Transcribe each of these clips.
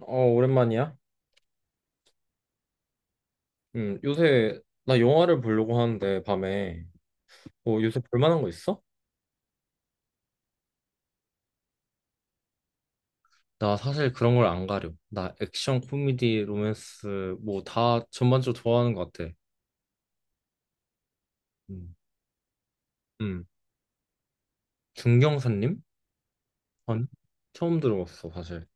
어, 오랜만이야? 요새 나 영화를 보려고 하는데 밤에 뭐 요새 볼 만한 거 있어? 나 사실 그런 걸 안 가려. 나 액션, 코미디, 로맨스 뭐 다 전반적으로 좋아하는 것 같아. 음, 음. 중경사님? 아니, 처음 들어봤어 사실.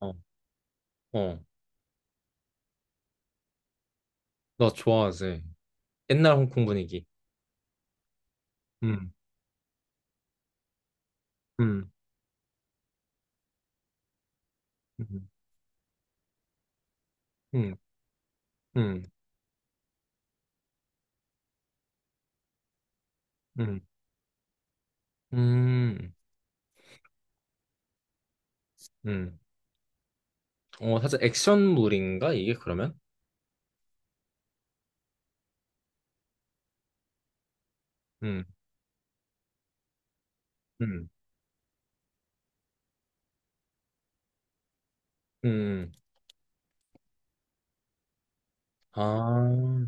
어, 어, 나 좋아하지. 옛날 홍콩 분위기. 음, 음, 음, 음, 음, 음, 음, 음. 어, 사실 액션물인가 이게 그러면? 음, 음, 음. 아, 어,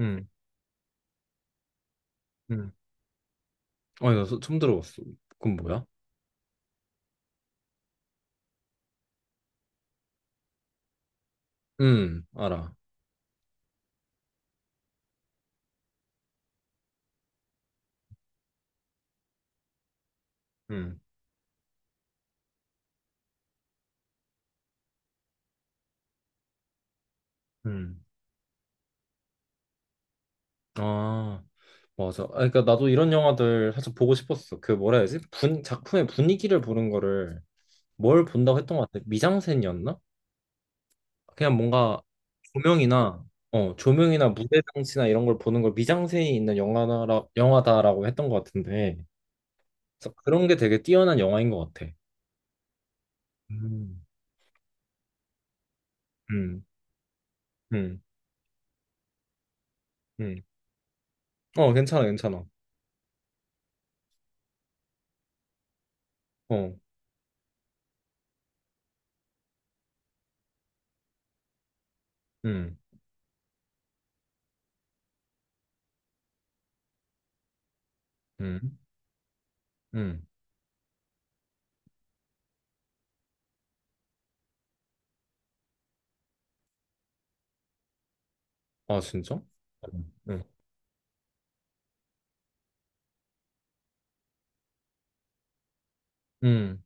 음, 음. 어, 나 처음 들어봤어. 그건 뭐야? 알아. 음, 음. 아, 맞아. 아, 그러니까 나도 이런 영화들 사실 보고 싶었어. 그 뭐라 해야지? 작품의 분위기를 보는 거를 뭘 본다고 했던 것 같아. 미장센이었나? 그냥 뭔가 조명이나, 어, 조명이나 무대 장치나 이런 걸 보는 걸 미장센이 있는 영화다라고 했던 것 같은데. 그래서 그런 게 되게 뛰어난 영화인 것 같아. 음, 음, 음, 음. 어, 괜찮아, 괜찮아. 어, 음, 음, 음. 아, 진짜? 음, 음, 음,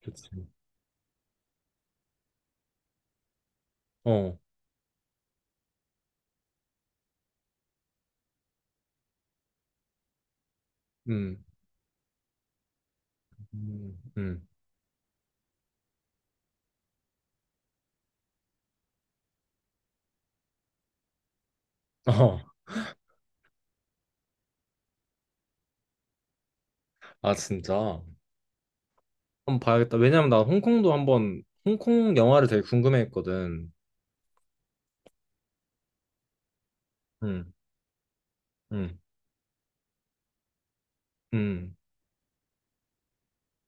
그치. 어, 음, 음, 음. 어, 아, 진짜. 한번 봐야겠다. 왜냐면 나 홍콩 영화를 되게 궁금해했거든. 음, 음, 음.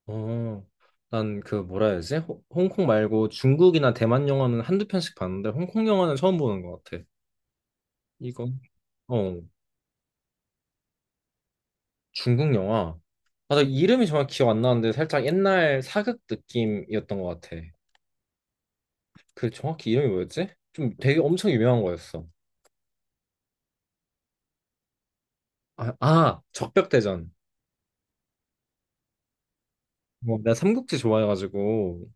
어, 난 그 뭐라 해야 되지? 홍콩 말고 중국이나 대만 영화는 한두 편씩 봤는데, 홍콩 영화는 처음 보는 것 같아. 이거. 어. 중국 영화. 맞아, 이름이 정확히 기억 안 나는데 살짝 옛날 사극 느낌이었던 것 같아. 그 정확히 이름이 뭐였지? 좀 되게 엄청 유명한 거였어. 아, 아, 적벽대전. 뭐, 내가 삼국지 좋아해가지고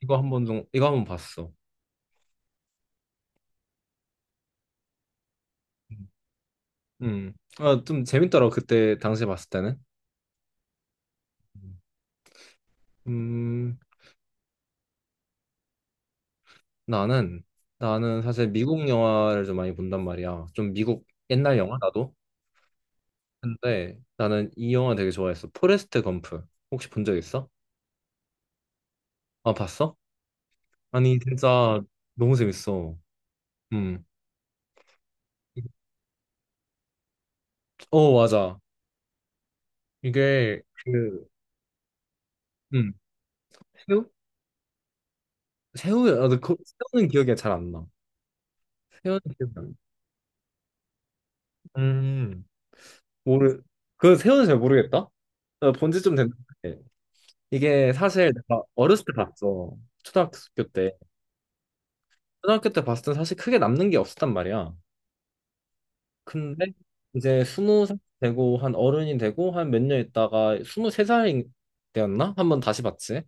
이거 한번 봤어. 음, 아, 좀 재밌더라고 그때 당시에 봤을 때는. 음, 나는 나는 사실 미국 영화를 좀 많이 본단 말이야. 좀 미국 옛날 영화 나도. 근데 나는 이 영화 되게 좋아했어. 포레스트 검프. 혹시 본 적 있어? 아, 봤어? 아니 진짜 너무 재밌어. 음. 어 맞아. 이게 그 음. 새우? 새우야. 아, 근데 그, 새우는 기억이 잘 안 나. 새우는 기억이 안 나. 음. 모르. 그 새우는 잘 모르겠다. 본지 좀 됐는데 이게 사실 내가 어렸을 때 봤어. 초등학교 때. 초등학교 때 봤을 때 사실 크게 남는 게 없었단 말이야. 근데 이제 20살 되고 한 어른이 되고 한 몇 년 있다가 23살이 되었나? 한번 다시 봤지.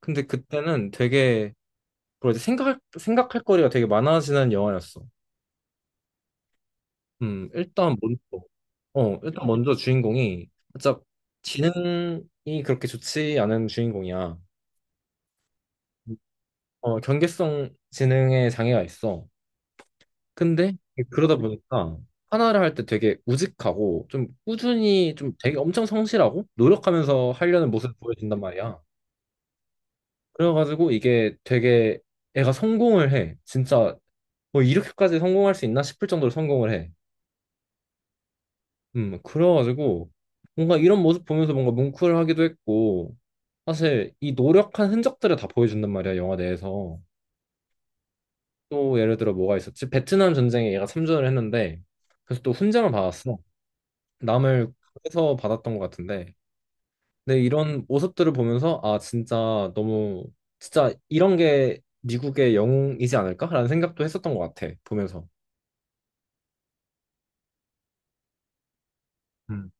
근데 그때는 되게 그리고 이제 생각할 거리가 되게 많아지는 영화였어. 일단 먼저, 어, 일단 먼저 주인공이 진짜 지능이 그렇게 좋지 않은 주인공이야. 어, 경계성 지능에 장애가 있어. 근데 그러다 보니까 하나를 할 때 되게 우직하고 좀 꾸준히 좀 되게 엄청 성실하고 노력하면서 하려는 모습을 보여준단 말이야. 그래가지고 이게 되게 애가 성공을 해. 진짜 뭐 이렇게까지 성공할 수 있나 싶을 정도로 성공을 해. 그래가지고 뭔가 이런 모습 보면서 뭔가 뭉클하기도 했고 사실 이 노력한 흔적들을 다 보여준단 말이야 영화 내에서. 또 예를 들어 뭐가 있었지. 베트남 전쟁에 얘가 참전을 했는데 그래서 또 훈장을 받았어. 남을 해서 받았던 것 같은데 근데 이런 모습들을 보면서 아 진짜 너무 진짜 이런 게 미국의 영웅이지 않을까라는 생각도 했었던 것 같아 보면서. 음.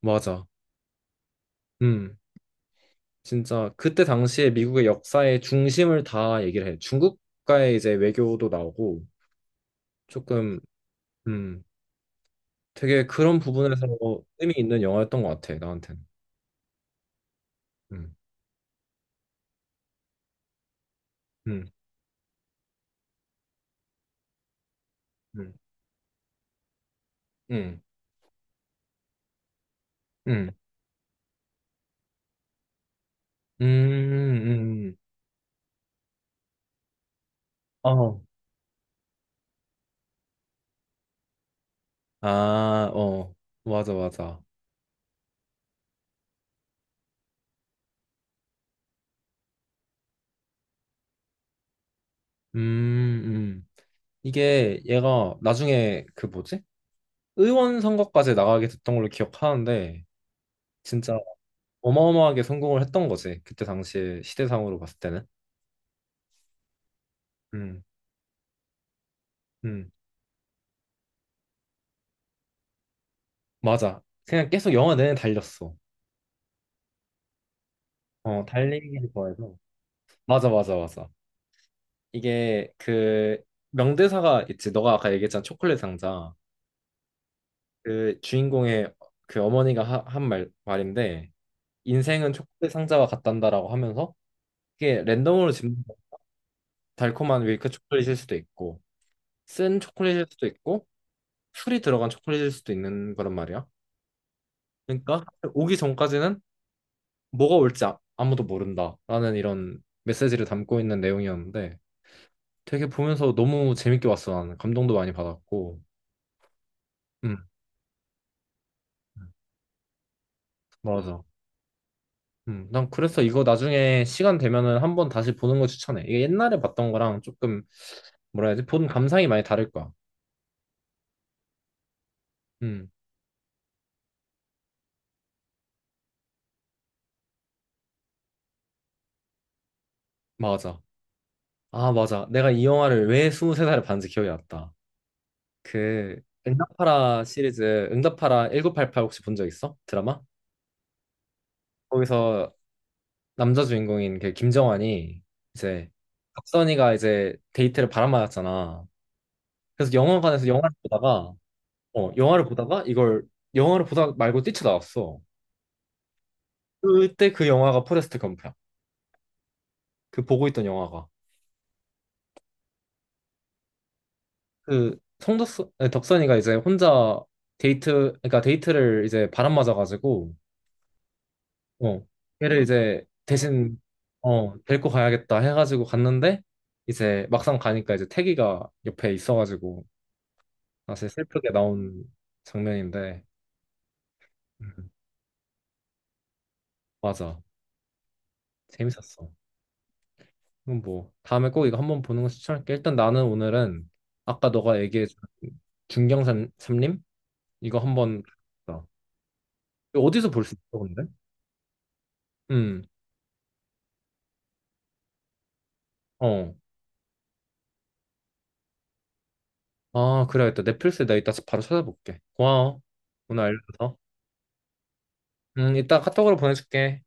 맞아. 음. 진짜 그때 당시에 미국의 역사의 중심을 다 얘기를 해. 중국과의 이제 외교도 나오고 조금 음 되게 그런 부분에서 의미 있는 영화였던 것 같아 나한테는. 음, 음, 음, 음, 음, 음, 음, 음. 어, 아, 어, 맞아, 맞아. 음, 음. 이게 얘가 나중에 그 뭐지? 의원 선거까지 나가게 됐던 걸로 기억하는데 진짜 어마어마하게 성공을 했던 거지 그때 당시에 시대상으로 봤을 때는. 음, 음, 맞아. 그냥 계속 영화 내내 달렸어. 어, 달리기를 좋아해서. 맞아, 맞아, 맞아. 이게 그 명대사가 있지. 너가 아까 얘기했잖아. 초콜릿 상자. 그 주인공의 그 어머니가 한 말인데, 인생은 초콜릿 상자와 같단다라고 하면서, 이게 랜덤으로 집는 달콤한 밀크 초콜릿일 수도 있고, 쓴 초콜릿일 수도 있고, 풀이 들어간 초콜릿일 수도 있는 그런 말이야. 그러니까 오기 전까지는 뭐가 올지 아무도 모른다라는 이런 메시지를 담고 있는 내용이었는데 되게 보면서 너무 재밌게 봤어. 나는 감동도 많이 받았고. 음. 맞아. 난 그래서 이거 나중에 시간 되면은 한번 다시 보는 거 추천해. 이게 옛날에 봤던 거랑 조금 뭐라 해야 되지 본 감상이 많이 다를 거야. 음. 맞아. 아 맞아 내가 이 영화를 왜 23살에 봤는지 기억이 났다. 그 응답하라 시리즈. 응답하라 1988 혹시 본 적 있어? 드라마? 거기서 남자 주인공인 그 김정환이 이제 박선희가 이제 데이트를 바람맞았잖아. 그래서 영화관에서 영화를 보다가 어 영화를 보다가 이걸 영화를 보다 말고 뛰쳐나왔어. 그때 그 영화가 포레스트 검프야. 그 보고 있던 영화가 그 성덕 덕선이가 이제 혼자 데이트 그러니까 데이트를 이제 바람맞아가지고 어 걔를 이제 대신 어 데리고 가야겠다 해가지고 갔는데 이제 막상 가니까 이제 태기가 옆에 있어가지고 사실 슬프게 나온 장면인데. 음, 맞아. 재밌었어. 그럼 뭐 다음에 꼭 이거 한번 보는 거 추천할게. 일단 나는 오늘은 아까 너가 얘기해준 중경산 삼림 이거 한번 봤다. 이거 어디서 볼 수 있어 근데? 음어아. 그래야겠다. 넷플릭스에 나 이따 바로 찾아볼게. 고마워 오늘 알려줘서. 이따 카톡으로 보내줄게.